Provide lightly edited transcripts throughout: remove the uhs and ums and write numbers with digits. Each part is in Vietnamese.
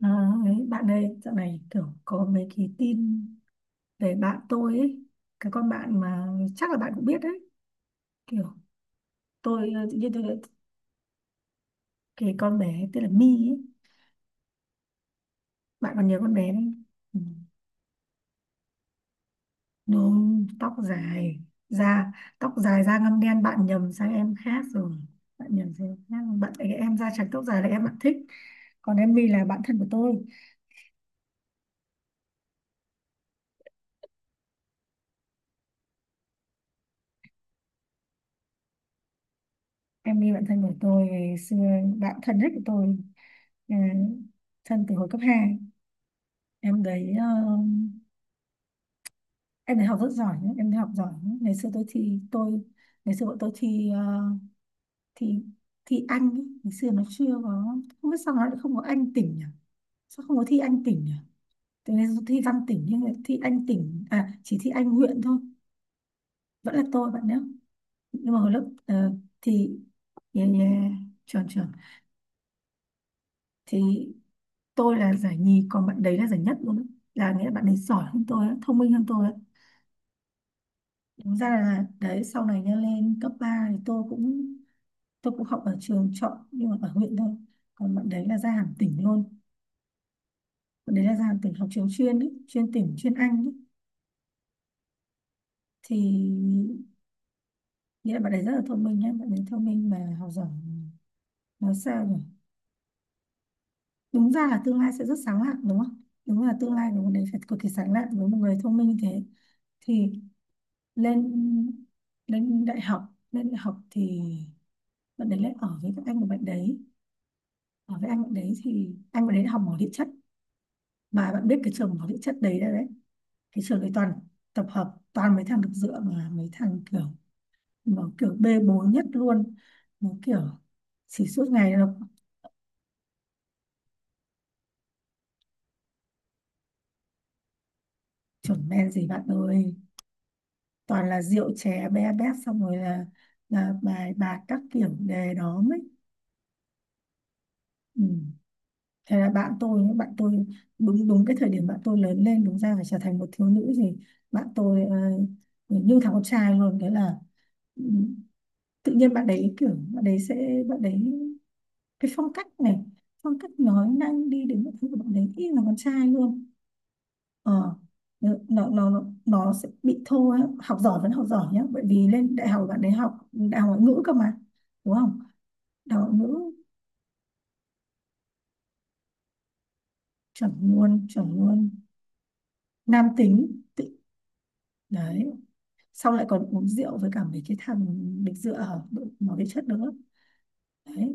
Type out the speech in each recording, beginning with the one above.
À, ấy, bạn ơi, dạo này kiểu có mấy cái tin về bạn tôi ấy, cái con bạn mà chắc là bạn cũng biết đấy, kiểu tự nhiên tôi lại- cái con bé tên là My ấy, bạn còn nhớ con bé đấy, ừ, nó tóc dài, da tóc dài da ngăm đen, bạn nhầm sang em khác rồi, bạn nhầm sang em khác rồi. Bạn em da trắng tóc dài là em bạn thích, còn em My là bạn thân của tôi, em My bạn thân của tôi ngày xưa, bạn thân nhất của tôi, ờ, thân từ hồi cấp 2. em đấy ờ, em đấy học rất giỏi nhá, em đấy học giỏi nhá. Ngày xưa tôi ngày xưa bọn tôi thi thi thi Anh ý. Ngày xưa nó chưa có, không biết sao nó lại không có Anh tỉnh nhỉ, sao không có thi Anh tỉnh nhỉ. Tôi ngày xưa thi Văn tỉnh nhưng lại thi Anh tỉnh à, chỉ thi Anh huyện thôi, vẫn là tôi bạn nhé. Nhưng mà hồi lớp thì yeah, yeah, chuẩn chuẩn, thì tôi là giải nhì còn bạn đấy là giải nhất luôn á. Là nghĩa là bạn ấy giỏi hơn tôi á, thông minh hơn tôi á. Đúng ra là đấy sau này nha lên cấp 3 thì tôi cũng học ở trường chọn nhưng mà ở huyện thôi, còn bạn đấy là ra hẳn tỉnh luôn, bạn đấy là ra hẳn tỉnh học trường chuyên ý, chuyên tỉnh chuyên Anh ý. Thì nghĩa là bạn đấy rất là thông minh nhá, bạn đấy thông minh mà học giỏi, nói sao nhỉ, đúng ra là tương lai sẽ rất sáng lạn đúng không, đúng là tương lai của bạn đấy phải cực kỳ sáng lạn với một người thông minh như thế. Thì lên lên đại học thì bạn đấy lại ở với các anh của bạn đấy. Ở với anh bạn đấy thì anh bạn đấy học mỏ địa chất, mà bạn biết cái trường mỏ địa chất đấy đấy, đấy. Cái trường đấy toàn tập hợp toàn mấy thằng được dựa, mà mấy thằng kiểu nó kiểu bê bối nhất luôn, nó kiểu chỉ suốt ngày nó chuẩn men gì bạn ơi, toàn là rượu chè be bét xong rồi là bài bạc các kiểu đề đó mới. Ừ. Thế là bạn tôi nhá, bạn tôi đúng đúng cái thời điểm bạn tôi lớn lên đúng ra phải trở thành một thiếu nữ gì, bạn tôi ờ, như thằng con trai luôn, đấy là, ừ, tự nhiên bạn đấy kiểu bạn đấy sẽ bạn đấy cái phong cách này, phong cách nói năng đi đến mọi thứ của bạn đấy y là con trai luôn. Ờ nó nó nó, nó sẽ bị thô á. Học giỏi vẫn học giỏi nhá, bởi vì lên đại học bạn đấy học đại học ngoại ngữ cơ mà, đúng không, đại học ngoại ngữ, chuẩn luôn chuẩn luôn, nam tính tự đấy, xong lại còn uống rượu với cả mấy cái thằng nghịch dựa ở đội- nó bị chất nữa đấy,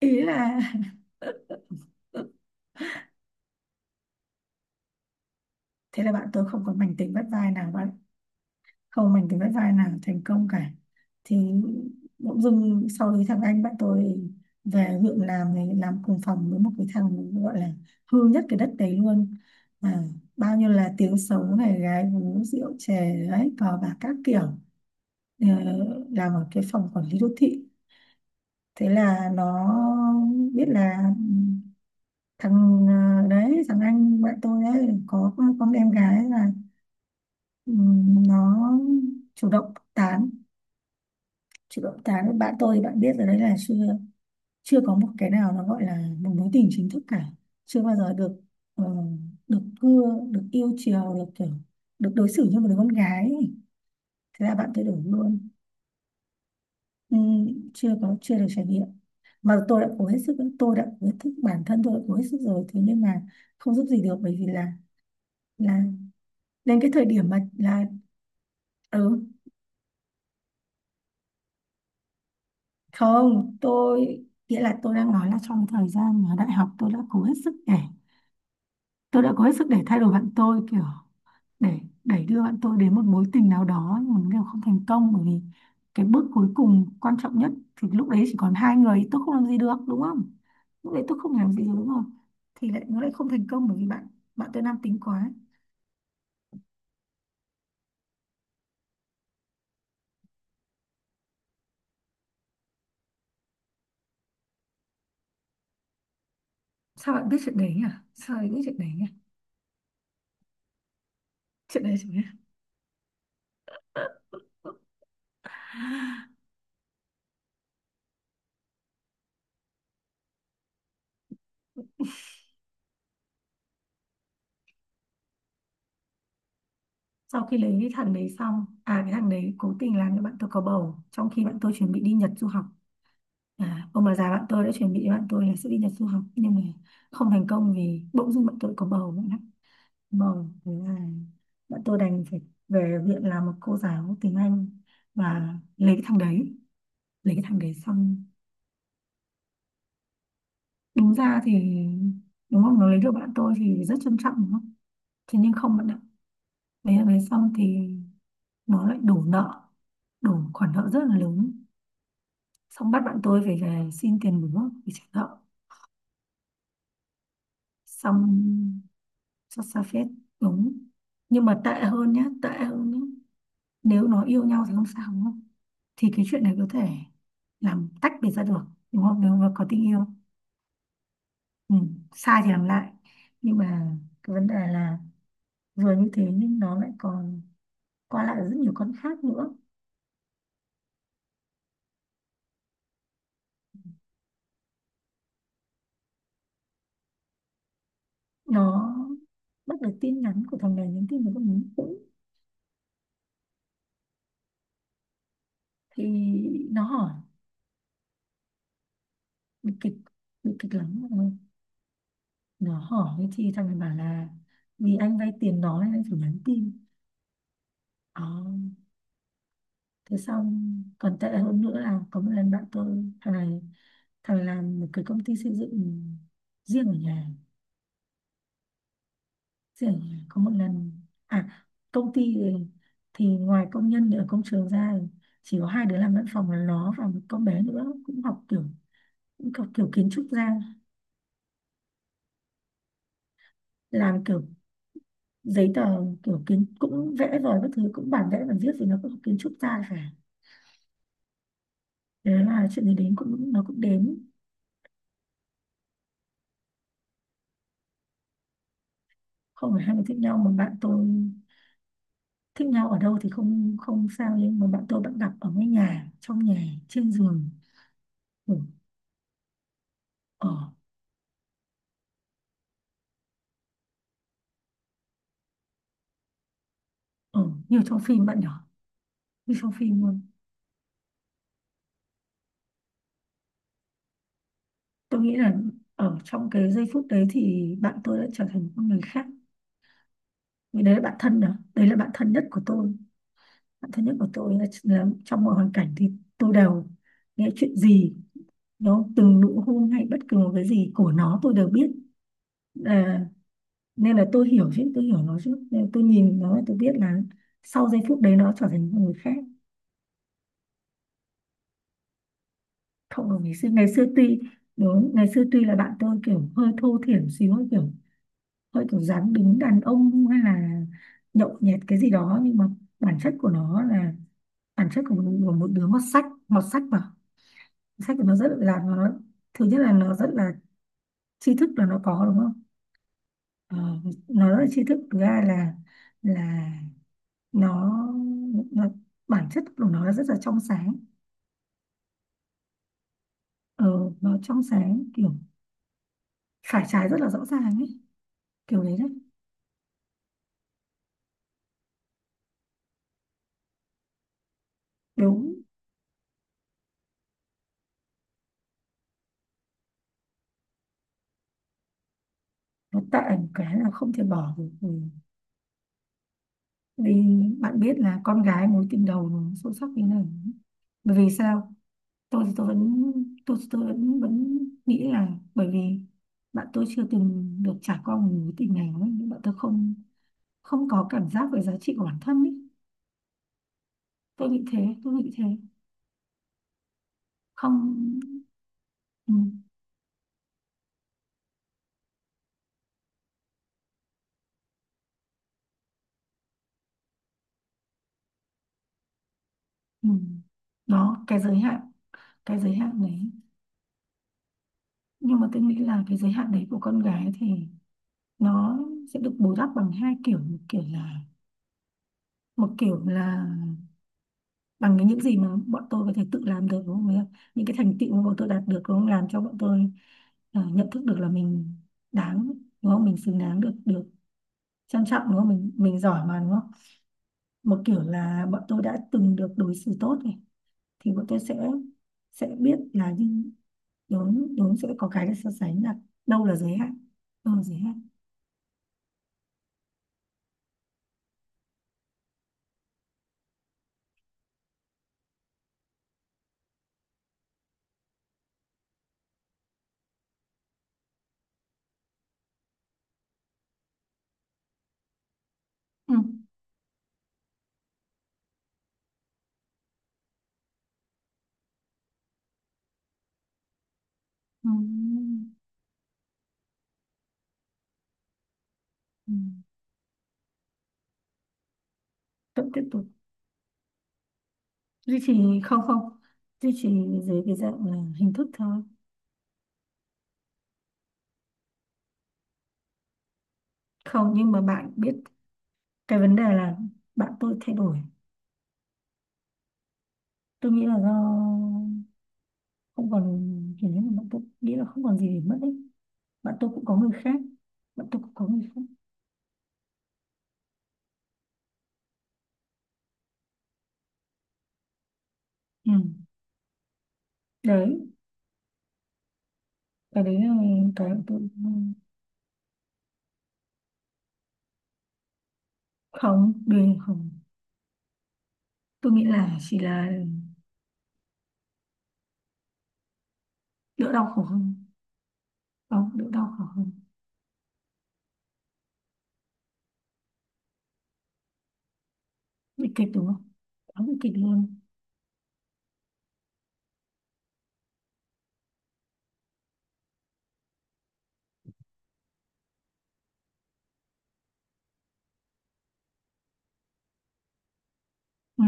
ý là thế là bạn tôi không còn mảnh tình bắt vai nào bạn, không mình thì vẫn vai nào thành công cả, thì bỗng dưng sau đấy thằng anh bạn tôi về huyện làm thì làm cùng phòng với một cái thằng gọi là hư nhất cái đất đấy luôn, à, bao nhiêu là tiếng xấu này gái gú rượu chè đấy cờ bạc các kiểu. Ờ, làm ở cái phòng quản lý đô thị, thế là nó biết là thằng đấy thằng anh bạn tôi ấy có con em gái là, ừ, nó chủ động tán. Chứ động tháng bạn tôi bạn biết rồi đấy là chưa, chưa có một cái nào nó gọi là một mối tình chính thức cả, chưa bao giờ được, ờ, được cưa, được yêu chiều, được kiểu được đối xử như một đứa con gái ấy. Thế là bạn tôi đổi luôn, ừ, chưa có chưa được trải nghiệm, mà tôi đã cố hết sức, tôi đã cố hết sức bản thân, tôi đã cố hết sức rồi thế nhưng mà không giúp gì được bởi vì là đến cái thời điểm mà là, ừ, không tôi nghĩa là tôi đang nói là trong thời gian mà đại học tôi đã cố hết sức để, tôi đã có hết sức để thay đổi bạn tôi kiểu để đẩy đưa bạn tôi đến một mối tình nào đó nhưng mà đều không thành công, bởi vì cái bước cuối cùng quan trọng nhất thì lúc đấy chỉ còn hai người tôi không làm gì được đúng không, lúc đấy tôi không làm gì được đúng không. Thì lại nó lại không thành công bởi vì bạn, bạn tôi nam tính quá. Sao bạn biết chuyện đấy nhỉ, sao lại biết chuyện đấy nhỉ, chuyện đấy chẳng nhỉ. Sau khi lấy cái thằng đấy xong à, cái thằng đấy cố tình làm cho bạn tôi có bầu trong khi bạn tôi chuẩn bị đi Nhật du học. À, ông bà già bạn tôi đã chuẩn bị bạn tôi là sẽ đi Nhật du học nhưng mà không thành công vì bỗng dưng bạn tôi có bầu bạn ạ, bầu thế là bạn tôi đành phải về viện làm một cô giáo tiếng Anh và lấy cái thằng đấy. Lấy cái thằng đấy xong đúng ra thì, đúng không nó lấy được bạn tôi thì rất trân trọng đúng không, thế nhưng không bạn ạ, lấy thằng đấy xong thì nó lại đổ nợ, đổ khoản nợ rất là lớn, xong bắt bạn tôi phải về xin tiền bố để trả nợ, xong xót xa phết, đúng. Nhưng mà tệ hơn nhá, tệ hơn nhá, nếu nó yêu nhau thì không sao đúng không, thì cái chuyện này có thể làm tách biệt ra được đúng không, nếu mà có tình yêu, ừ. Sai thì làm lại, nhưng mà cái vấn đề là vừa như thế nhưng nó lại còn qua lại ở rất nhiều con khác nữa. Nó bắt được tin nhắn của thằng này nhắn tin với con nhắn cũ thì nó hỏi, bị kịch, bị kịch lắm mọi người. Nó hỏi thì thằng này bảo là vì anh vay tiền nó nên anh phải nhắn tin. Ờ, Thế xong còn tệ hơn nữa là có một lần bạn tôi thằng này, thằng này làm một cái công ty xây dựng riêng ở nhà, riêng ở nhà có một lần, à, công ty thì ngoài công nhân ở công trường ra chỉ có hai đứa làm văn phòng là nó và một con bé nữa cũng học kiểu kiến trúc ra, làm kiểu giấy tờ, kiểu kiến cũng vẽ rồi các thứ cũng bản vẽ bản viết thì nó cũng học kiến trúc ra phải. Thế là chuyện gì đến cũng nó cũng đến, không phải hai người thích nhau mà bạn tôi, thích nhau ở đâu thì không không sao nhưng mà bạn tôi bạn gặp ở cái nhà trong nhà trên giường ngủ ở, ở như trong phim bạn nhỏ, như trong phim luôn. Tôi nghĩ là ở trong cái giây phút đấy thì bạn tôi đã trở thành một con người khác, vì đấy là bạn thân đó, đấy là bạn thân nhất của tôi, bạn thân nhất của tôi là trong mọi hoàn cảnh thì tôi đều nghe chuyện gì, nó từng nụ hôn hay bất cứ một cái gì của nó tôi đều biết. À, nên là tôi hiểu chứ, tôi hiểu nó chứ, nên tôi nhìn nó tôi biết là sau giây phút đấy nó trở thành một người khác. Không bằng ngày xưa, ngày xưa tuy, đúng ngày xưa tuy là bạn tôi kiểu hơi thô thiển xíu, hơi kiểu dáng đứng đàn ông hay là nhậu nhẹt cái gì đó nhưng mà bản chất của nó là bản chất của một đứa mọt sách, mọt sách mà sách của nó rất là nó, thứ nhất là nó rất là tri thức là nó có đúng không. Ờ, nó rất là tri thức, thứ hai là nó, nó bản chất của nó là rất là trong sáng, ờ, nó trong sáng kiểu phải trái rất là rõ ràng ấy, kiểu đấy đấy, đúng. Nó tệ một cái là không thể bỏ được, ừ. Vì bạn biết là con gái mối tình đầu nó sâu sắc như này, bởi vì sao, tôi thì tôi vẫn, tôi vẫn vẫn nghĩ là bởi vì bạn tôi chưa từng được trải qua một mối tình nào ấy, nhưng bạn tôi không không có cảm giác về giá trị của bản thân ấy, tôi nghĩ thế, tôi nghĩ thế, không, ừ. Ừ. Đó, cái giới hạn đấy. Nhưng mà tôi nghĩ là cái giới hạn đấy của con gái thì nó sẽ được bù đắp bằng hai kiểu, một kiểu là bằng cái những gì mà bọn tôi có thể tự làm được, đúng không ạ? Những cái thành tựu mà bọn tôi đạt được, đúng không? Làm cho bọn tôi nhận thức được là mình đáng, đúng không? Mình xứng đáng được được trân trọng, đúng không? Mình giỏi mà, đúng không? Một kiểu là bọn tôi đã từng được đối xử tốt này, thì bọn tôi sẽ biết là như đúng đúng, sẽ có cái để so sánh là đâu là giới hạn, đâu là giới hạn. Ừ. Ừ. Ừ. Vẫn tiếp tục duy trì. Không, không duy trì, dưới cái dạng là hình thức thôi. Không, nhưng mà bạn biết cái vấn đề là bạn tôi thay đổi. Tôi nghĩ là do không còn, kiểu như là bạn tôi nghĩ là không còn gì để mất ấy. Bạn tôi cũng có người khác. Bạn tôi cũng có người khác. Ừ. Đấy, cái đấy là cái mà tôi, không, đương không. Tôi nghĩ là chỉ là đỡ đau khổ hơn. Không, đỡ đau khổ hơn. Bị kịch đúng không. Quá bị kịch luôn. Ừ.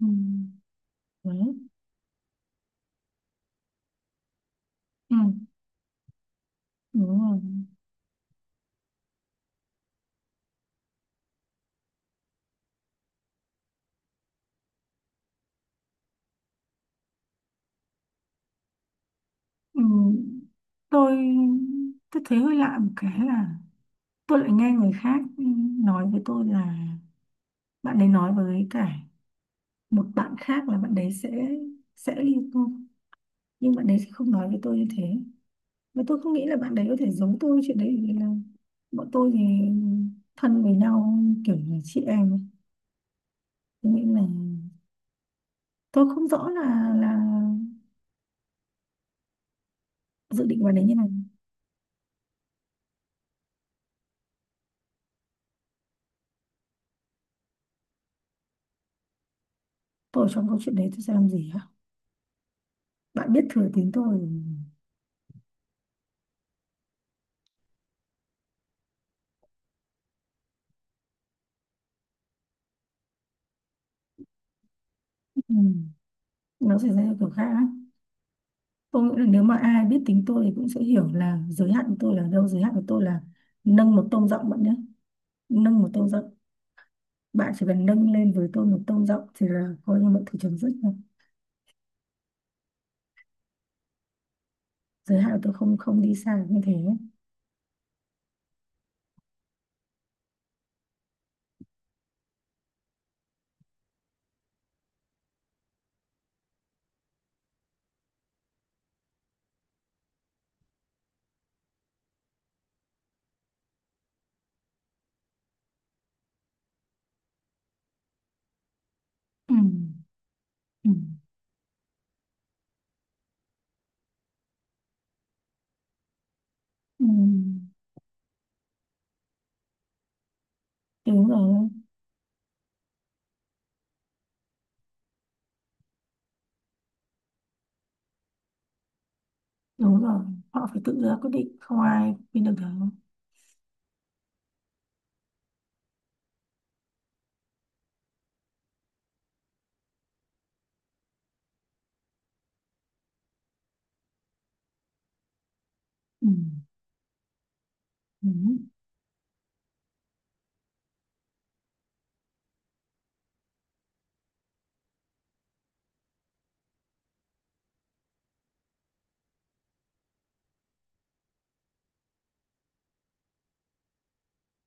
Ừ. Đấy. Ừ. Đúng rồi. Ừ. tôi tôi thấy hơi lạ một cái là tôi lại nghe người khác nói với tôi là bạn ấy nói với cả một bạn khác là bạn đấy sẽ ly hôn, nhưng bạn đấy thì không nói với tôi như thế. Và tôi không nghĩ là bạn đấy có thể giống tôi chuyện đấy, vì là bọn tôi thì thân với nhau, kiểu là chị em ấy. Tôi nghĩ là tôi không rõ là dự định vào đấy như này. Tôi ở trong câu chuyện đấy tôi sẽ làm gì hả? Bạn biết thừa tính tôi. Ừ. Nó xảy ra theo kiểu khác á. Tôi nghĩ là nếu mà ai biết tính tôi thì cũng sẽ hiểu là giới hạn của tôi là đâu. Giới hạn của tôi là nâng một tông giọng bạn nhé, nâng một tông giọng. Bạn chỉ cần nâng lên với tôi một tông giọng thì là coi như mọi thứ chấm dứt rồi. Giới hạn của tôi không, không đi xa như thế. Ừ. Ừ. Ừ. Đúng rồi. Đúng rồi. Họ phải tự ra quyết định, không ai khuyên được đâu. Ừ. Ừ.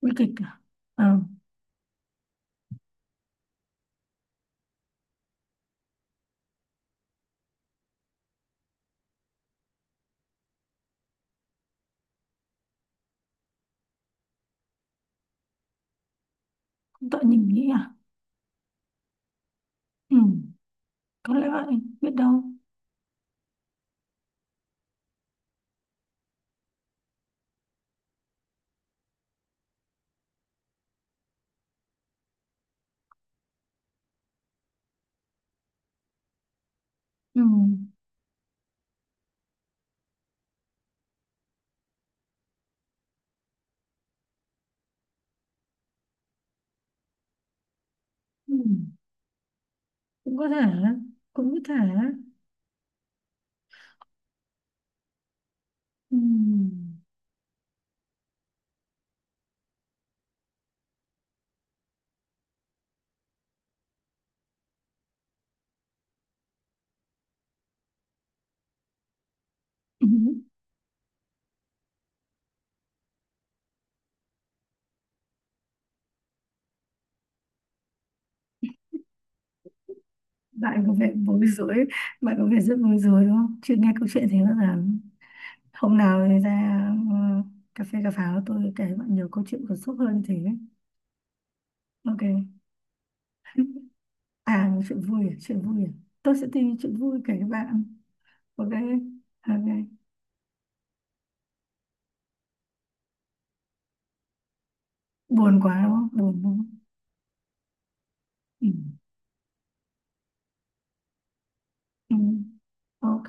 Nguy kịch à. Ờ. Cũng tội nhìn nghĩ à. Ừ, có lẽ vậy. Biết đâu. Ừ, ừ. Cũng có thể. Cũng có thể. Ừ. Ừ. Bạn có vẻ bối rối. Bạn có vẻ rất bối rối, đúng không, chưa nghe câu chuyện thế bao giờ. Hôm nào thì ra ờ, cà phê cà pháo tôi kể bạn nhiều câu chuyện cảm xúc hơn thế. Ok. À, một chuyện vui à? Chuyện vui à? Tôi sẽ tìm chuyện vui kể các bạn. Ok. Ok. Buồn quá đúng không, buồn đúng không. Ừ. Ừ. Ok.